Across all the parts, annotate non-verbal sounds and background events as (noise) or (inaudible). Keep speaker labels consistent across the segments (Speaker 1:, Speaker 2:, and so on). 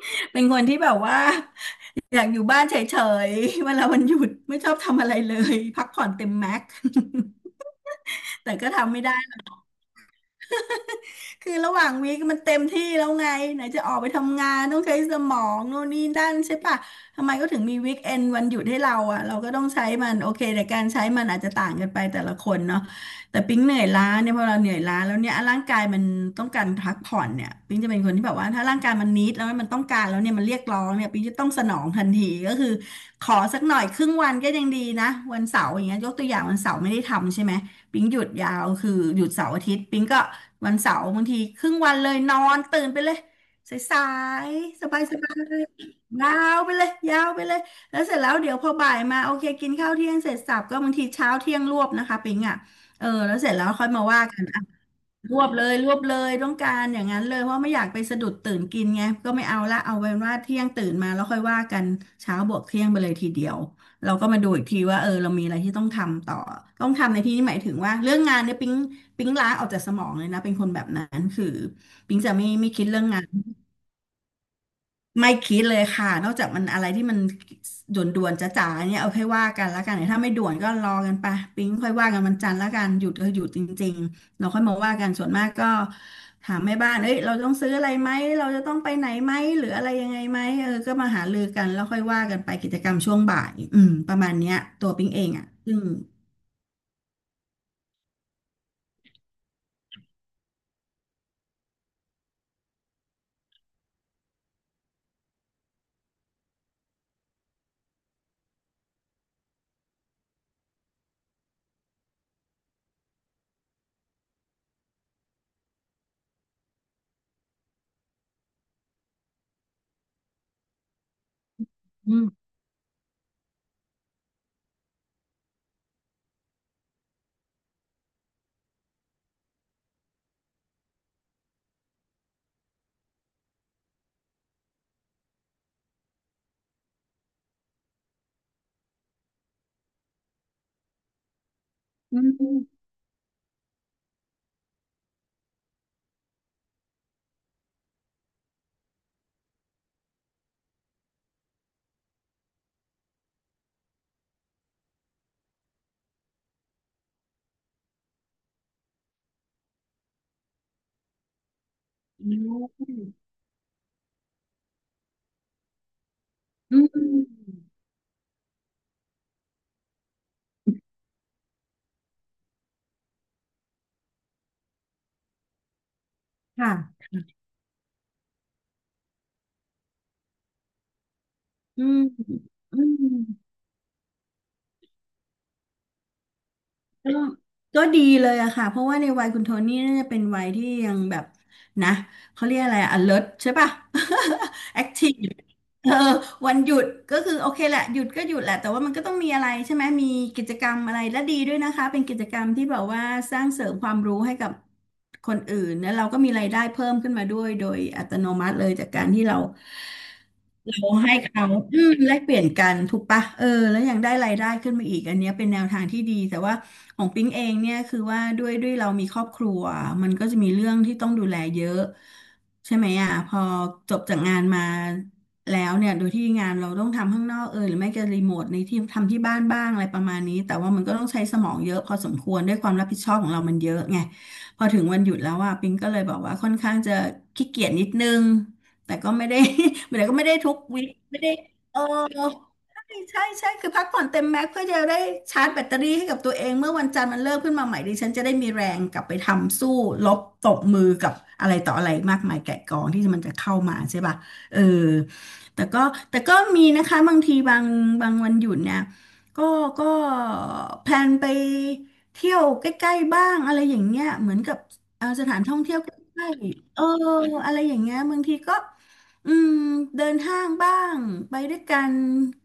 Speaker 1: (laughs) เป็นคนที่แบบว่าอยากอยู่บ้านเฉยๆเวลาวันหยุดไม่ชอบทำอะไรเลยพักผ่อนเต็มแม็ก (laughs) แต่ก็ทำไม่ได้ คือระหว่างวีคมันเต็มที่แล้วไงไหนจะออกไปทำงานต้องใช้สมองโน่นนี่นั่นใช่ปะทำไมก็ถึงมีวีคเอนด์วันหยุดให้เราอ่ะเราก็ต้องใช้มันโอเคแต่การใช้มันอาจจะต่างกันไปแต่ละคนเนาะแต่ปิ๊งเหนื่อยล้าเนี่ยพอเราเหนื่อยล้าแล้วเนี่ยร่างกายมันต้องการพักผ่อนเนี่ยปิ๊งจะเป็นคนที่แบบว่าถ้าร่างกายมันนิดแล้วมันต้องการแล้วเนี่ยมันเรียกร้องเนี่ยปิ๊งจะต้องสนองทันทีก็คือขอสักหน่อยครึ่งวันก็ยังดีนะวันเสาร์อย่างเงี้ยยกตัวอย่างวันเสาร์ไม่ได้ทำใช่ไหมปิ๊งหยุดยาวคือหยุดเสาร์อาทิตย์ปิ๊งก็ วันเสาร์บางทีครึ่งวันเลยนอนตื่นไปเลยสายๆสบายสบายยาวไปเลยยาวไปเลยแล้วเสร็จแล้วเดี๋ยวพอบ่ายมาโอเคกินข้าวเที่ยงเสร็จสับก็บางทีเช้าเที่ยงรวบนะคะปิงอ่ะเออแล้วเสร็จแล้วค่อยมาว่ากัน รวบเลยรวบเลยต้องการอย่างนั้นเลยเพราะไม่อยากไปสะดุดตื่นกินไงก็ไม่เอาละเอาเป็นว่าเที่ยงตื่นมาแล้วค่อยว่ากันเช้าบวกเที่ยงไปเลยทีเดียวเราก็มาดูอีกทีว่าเออเรามีอะไรที่ต้องทำต่อต้องทำในที่นี้หมายถึงว่าเรื่องงานเนี่ยปิ๊งปิ๊งล้างออกจากสมองเลยนะเป็นคนแบบนั้นคือปิ๊งจะไม่คิดเรื่องงาน ไม่คิดเลยค่ะนอกจากมันอะไรที่มันด่วนๆจ๋าๆเนี่ยเอาค่อยว่ากันแล้วกันถ้าไม่ด่วนก็รอกันไปปิ๊งค่อยว่ากันวันจันทร์แล้วกันหยุดก็หยุดจริงๆเราค่อยมาว่ากันส่วนมากก็ถามแม่บ้านเอ้ยเราต้องซื้ออะไรไหมเราจะต้องไปไหนไหมหรืออะไรยังไงไหมเออก็มาหารือกันแล้วค่อยว่ากันไปกิจกรรมช่วงบ่ายอืมประมาณเนี้ยตัวปิ๊งเองอ่ะซึ่งอืมอืมอืมอืมค่ะอืม ก็ก็ดีเลยอะค่ะเพราะว่าในวัยคุณโทนี่น่าจะเป็นวัยที่ยังแบบนะเขาเรียกอะไรอะ alert ใช่ป่ะ (laughs) active เออวันหยุดก็คือโอเคแหละหยุดก็หยุดแหละแต่ว่ามันก็ต้องมีอะไรใช่ไหมมีกิจกรรมอะไรและดีด้วยนะคะเป็นกิจกรรมที่แบบว่าสร้างเสริมความรู้ให้กับคนอื่นแล้วเราก็มีรายได้เพิ่มขึ้นมาด้วยโดยอัตโนมัติเลยจากการที่เรา เราให้เขาอืมแลกเปลี่ยนกันถูกปะเออแล้วยังได้รายได้ขึ้นมาอีกอันเนี้ยเป็นแนวทางที่ดีแต่ว่าของปิ๊งเองเนี่ยคือว่าด้วยเรามีครอบครัวมันก็จะมีเรื่องที่ต้องดูแลเยอะใช่ไหมอ่ะพอจบจากงานมาแล้วเนี่ยโดยที่งานเราต้องทำข้างนอกเออหรือไม่ก็รีโมทในที่ทำที่บ้านบ้างอะไรประมาณนี้แต่ว่ามันก็ต้องใช้สมองเยอะพอสมควรด้วยความรับผิดชอบของเรามันเยอะไงพอถึงวันหยุดแล้วอ่ะปิ๊งก็เลยบอกว่าค่อนข้างจะขี้เกียจนิดนึงแต่ก็ไม่ได้ (laughs) เดี๋ยวก็ไม่ได้ทุกวิคไม่ได้เออใช่ใช่ใช่คือพักผ่อนเต็มแม็กซ์เพื่อจะได้ชาร์จแบตเตอรี่ให้กับตัวเองเมื่อวันจันทร์มันเลิกขึ้นมาใหม่ดิฉันจะได้มีแรงกลับไปทำสู้รบตบมือกับอะไรต่ออะไรมากมายแกะกองที่มันจะเข้ามาใช่ป่ะเออแต่ก็แต่ก็มีนะคะบางทีบางบางวันหยุดเนี่ยก็ก็แพลนไปเที่ยวใกล้ๆบ้างอะไรอย่างเงี้ยเหมือนกับสถานท่องเที่ยวใกล้ๆเอออะไรอย่างเงี้ยบางทีก็ อืมเดินห้างบ้างไปด้วยกัน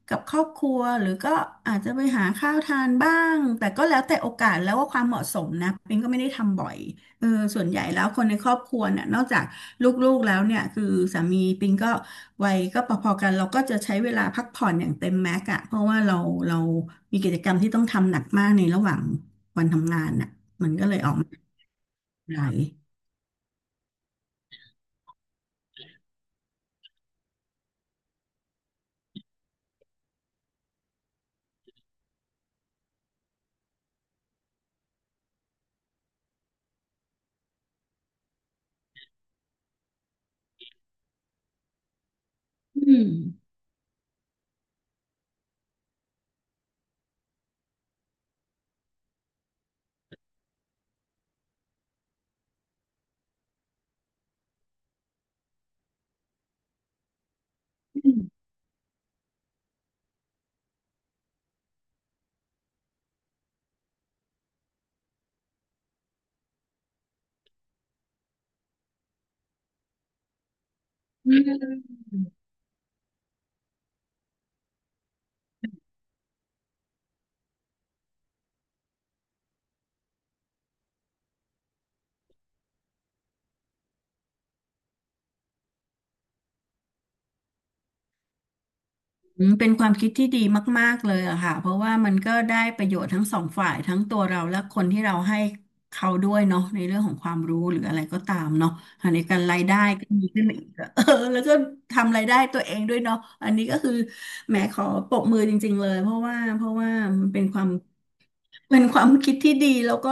Speaker 1: กับครอบครัวหรือก็อาจจะไปหาข้าวทานบ้างแต่ก็แล้วแต่โอกาสแล้วว่าความเหมาะสมนะปิงก็ไม่ได้ทำบ่อยเออส่วนใหญ่แล้วคนในครอบครัวเนี่ยนอกจากลูกๆแล้วเนี่ยคือสามีปิงก็วัยก็พอๆกันเราก็จะใช้เวลาพักผ่อนอย่างเต็มแม็กอะเพราะว่าเรามีกิจกรรมที่ต้องทำหนักมากในระหว่างวันทำงานน่ะมันก็เลยออกมาหลายอืมอืม อืมเป็นความคิดที่ดีมากๆเลยอะค่ะเพราะว่ามันก็ได้ประโยชน์ทั้งสองฝ่ายทั้งตัวเราและคนที่เราให้เขาด้วยเนาะในเรื่องของความรู้หรืออะไรก็ตามเนาะในการรายได้ก็มีขึ้นมาอีกอะ (laughs) เออแล้วก็ทำรายได้ตัวเองด้วยเนาะอันนี้ก็คือแหมขอปรบมือจริงๆเลยเพราะว่ามันเป็นความ เป็นความคิดที่ดีแล้วก็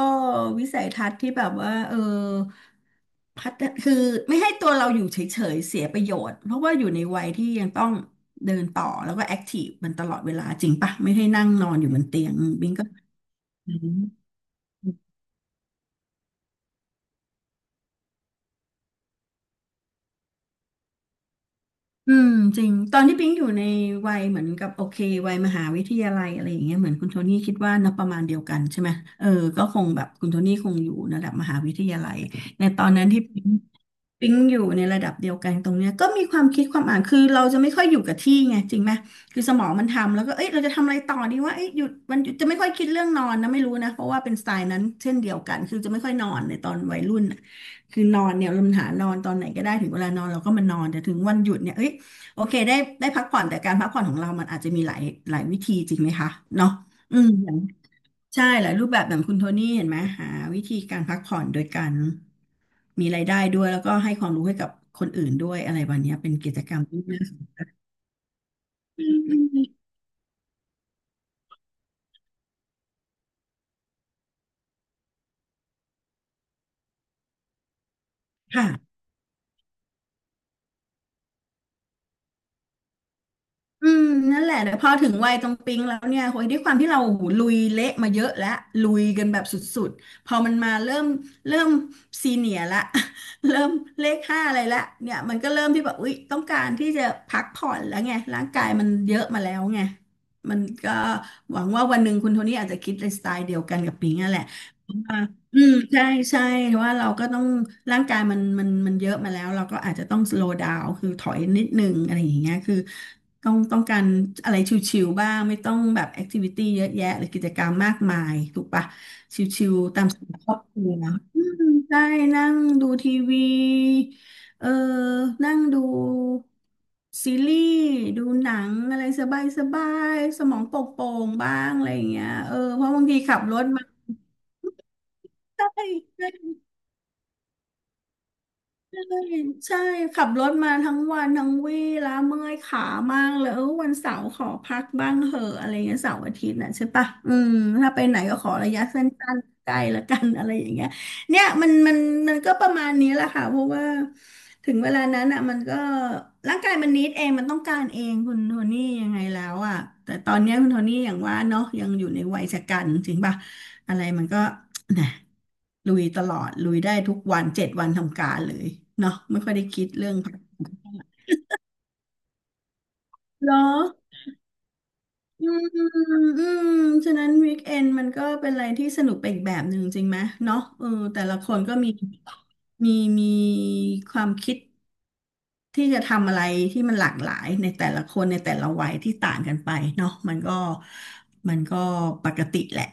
Speaker 1: วิสัยทัศน์ที่แบบว่าเออพัฒนคือไม่ให้ตัวเราอยู่เฉยๆเสียประโยชน์เพราะว่าอยู่ในวัยที่ยังต้องเดินต่อแล้วก็แอคทีฟมันตลอดเวลาจริงปะไม่ให้นั่งนอนอยู่บนเตียงบิงก็ อืมจริงตอนที่ปิงอยู่ในวัยเหมือนกับโอเควัยมหาวิทยาลัยอะไรอย่างเงี้ยเหมือนคุณโทนี่คิดว่านะประมาณเดียวกันใช่ไหมเออก็คงแบบคุณโทนี่คงอยู่ระดับมหาวิทยาลัยในตอนนั้นที่ปิงอยู่ในระดับเดียวกันตรงเนี้ยก็มีความคิดความอ่านคือเราจะไม่ค่อยอยู่กับที่ไงจริงไหมคือสมองมันทำแล้วก็เอ้ยเราจะทำอะไรต่อดีว่าเอ้ยหยุดจะไม่ค่อยคิดเรื่องนอนนะไม่รู้นะเพราะว่าเป็นสไตล์นั้นเช่นเดียวกันคือจะไม่ค่อยนอนในตอนวัยรุ่นน่ะคือนอนเนี่ยเราหานอนตอนไหนก็ได้ถึงเวลานอนเราก็มานอนแต่ถึงวันหยุดเนี่ยเอ้ย โอเคได้ได้พักผ่อนแต่การพักผ่อนของเรามันอาจจะมีหลายวิธีจริงไหมคะเนาะอืมอย่างใช่หลายรูปแบบอย่างคุณโทนี่เห็นไหมหาวิธีการพักผ่อนโดยการมีรายได้ด้วยแล้วก็ให้ความรู้ให้กับคนอื่นด้วยอะไรแบบเนี้ยเป็นกิจกรรมที่น่าสนใจค่ะ อืมนั่นแหละแต่พอถึงวัยตรงปิ๊งแล้วเนี่ยโอยด้วยความที่เราหูลุยเละมาเยอะแล้วลุยกันแบบสุดๆพอมันมาเริ่มซีเนียร์ละ (laughs) เริ่มเลขห้าอะไรละเนี่ยมันก็เริ่มที่แบบอุ๊ยต้องการที่จะพักผ่อนแล้วไงร่างกายมันเยอะมาแล้วไงมันก็หวังว่าวันหนึ่งคุณโทนี่อาจจะคิดในสไตล์เดียวกันกับปิ๊งนั่นแหละ อืมใช่ใช่ว่าเราก็ต้องร่างกายมันเยอะมาแล้วเราก็อาจจะต้องสโล w d ดาวคือถอยนิดนึงอะไรอย่างเงี้ยคือต้องการอะไรชิวๆบ้างไม่ต้องแบบแอคทิวิตี้เยอะแยะหรือกิจกรรมมากมายถูกปะชิวๆตามสไตล์ครอบครัวอืมใช่นั่งดูทีวีเออนั่งดูซีรีส์ดูหนังอะไรสบายสบายสมองโปร่งๆบ้างอะไรอย่างเงี้ยเออเพราะบางทีขับรถมาใช่ ใช่ใช่ขับรถมาทั้งวันทั้งวี่ล้าเมื่อยขามากเลยเออวันเสาร์ขอพักบ้างเหอะอะไรเงี้ยเสาร์อาทิตย์น่ะใช่ปะอืมถ้าไปไหนก็ขอระยะสั้นๆใกล้ละกันอะไรอย่างเงี้ยเนี่ยมันก็ประมาณนี้แหละค่ะเพราะว่าถึงเวลานั้นอ่ะมันก็ร่างกายมันนิดเองมันต้องการเองคุณโทนี่ยังไงแล้วอ่ะแต่ตอนเนี้ยคุณโทนี่อย่างว่าเนาะยังอยู่ในวัยชะกันจริงปะ อะไรมันก็นะลุยตลอด ลุยได้ทุกวันเจ็ดวันทำการเลยเนาะไม่ค่อยได้คิดเรื่องพักเหรออืมอืมฉะนั้นวีคเอนมันก็เป็นอะไรที่สนุกไปอีกแบบหนึ่งจริงไหมเนาะเออแต่ละคนก็มีมีความคิดที่จะทำอะไรที่มันหลากหลายในแต่ละคนในแต่ละวัยที่ต่างกันไปเนาะมันก็ปกติแหละ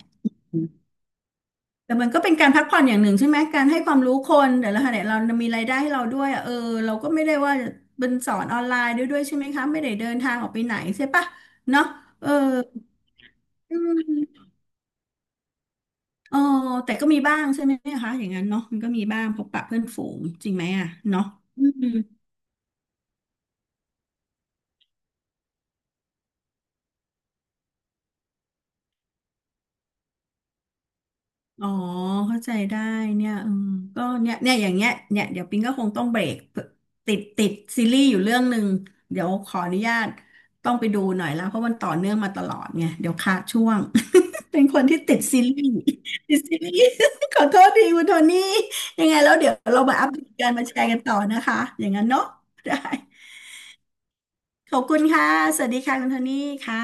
Speaker 1: แต่มันก็เป็นการพักผ่อนอย่างหนึ่งใช่ไหม การให้ความรู้คนแต่ละขณะเรามีรายได้ให้เราด้วยอะเออเราก็ไม่ได้ว่าเป็นสอนออนไลน์ด้วยใช่ไหมคะไม่ได้เดินทางออกไปไหนใช่ปะเนาะเอออืมเออแต่ก็มีบ้างใช่ไหมคะอย่างนั้นเนาะมันก็มีบ้างพบปะเพื่อนฝูงจริงไหมอะเนาะอืม อ๋อเข้าใจได้เนี่ยอืมก็เนี่ยอย่างเงี้ยเนี่ยเดี๋ยวปิงก็คงต้องเบรกติดซีรีส์อยู่เรื่องหนึ่งเดี๋ยวขออนุญาตต้องไปดูหน่อยแล้วเพราะมันต่อเนื่องมาตลอดไงเดี๋ยวขาดช่วง (laughs) เป็นคนที่ติดซีรีส์ติดซีรีส์ (laughs) ขอโทษทีคุณโทนี่ยังไงแล้วเดี๋ยวเรามาอัปเดตกันมาแชร์กันต่อนะคะอย่างนั้นเนาะได้ขอบคุณค่ะสวัสดีค่ะคุณโทนี่ค่ะ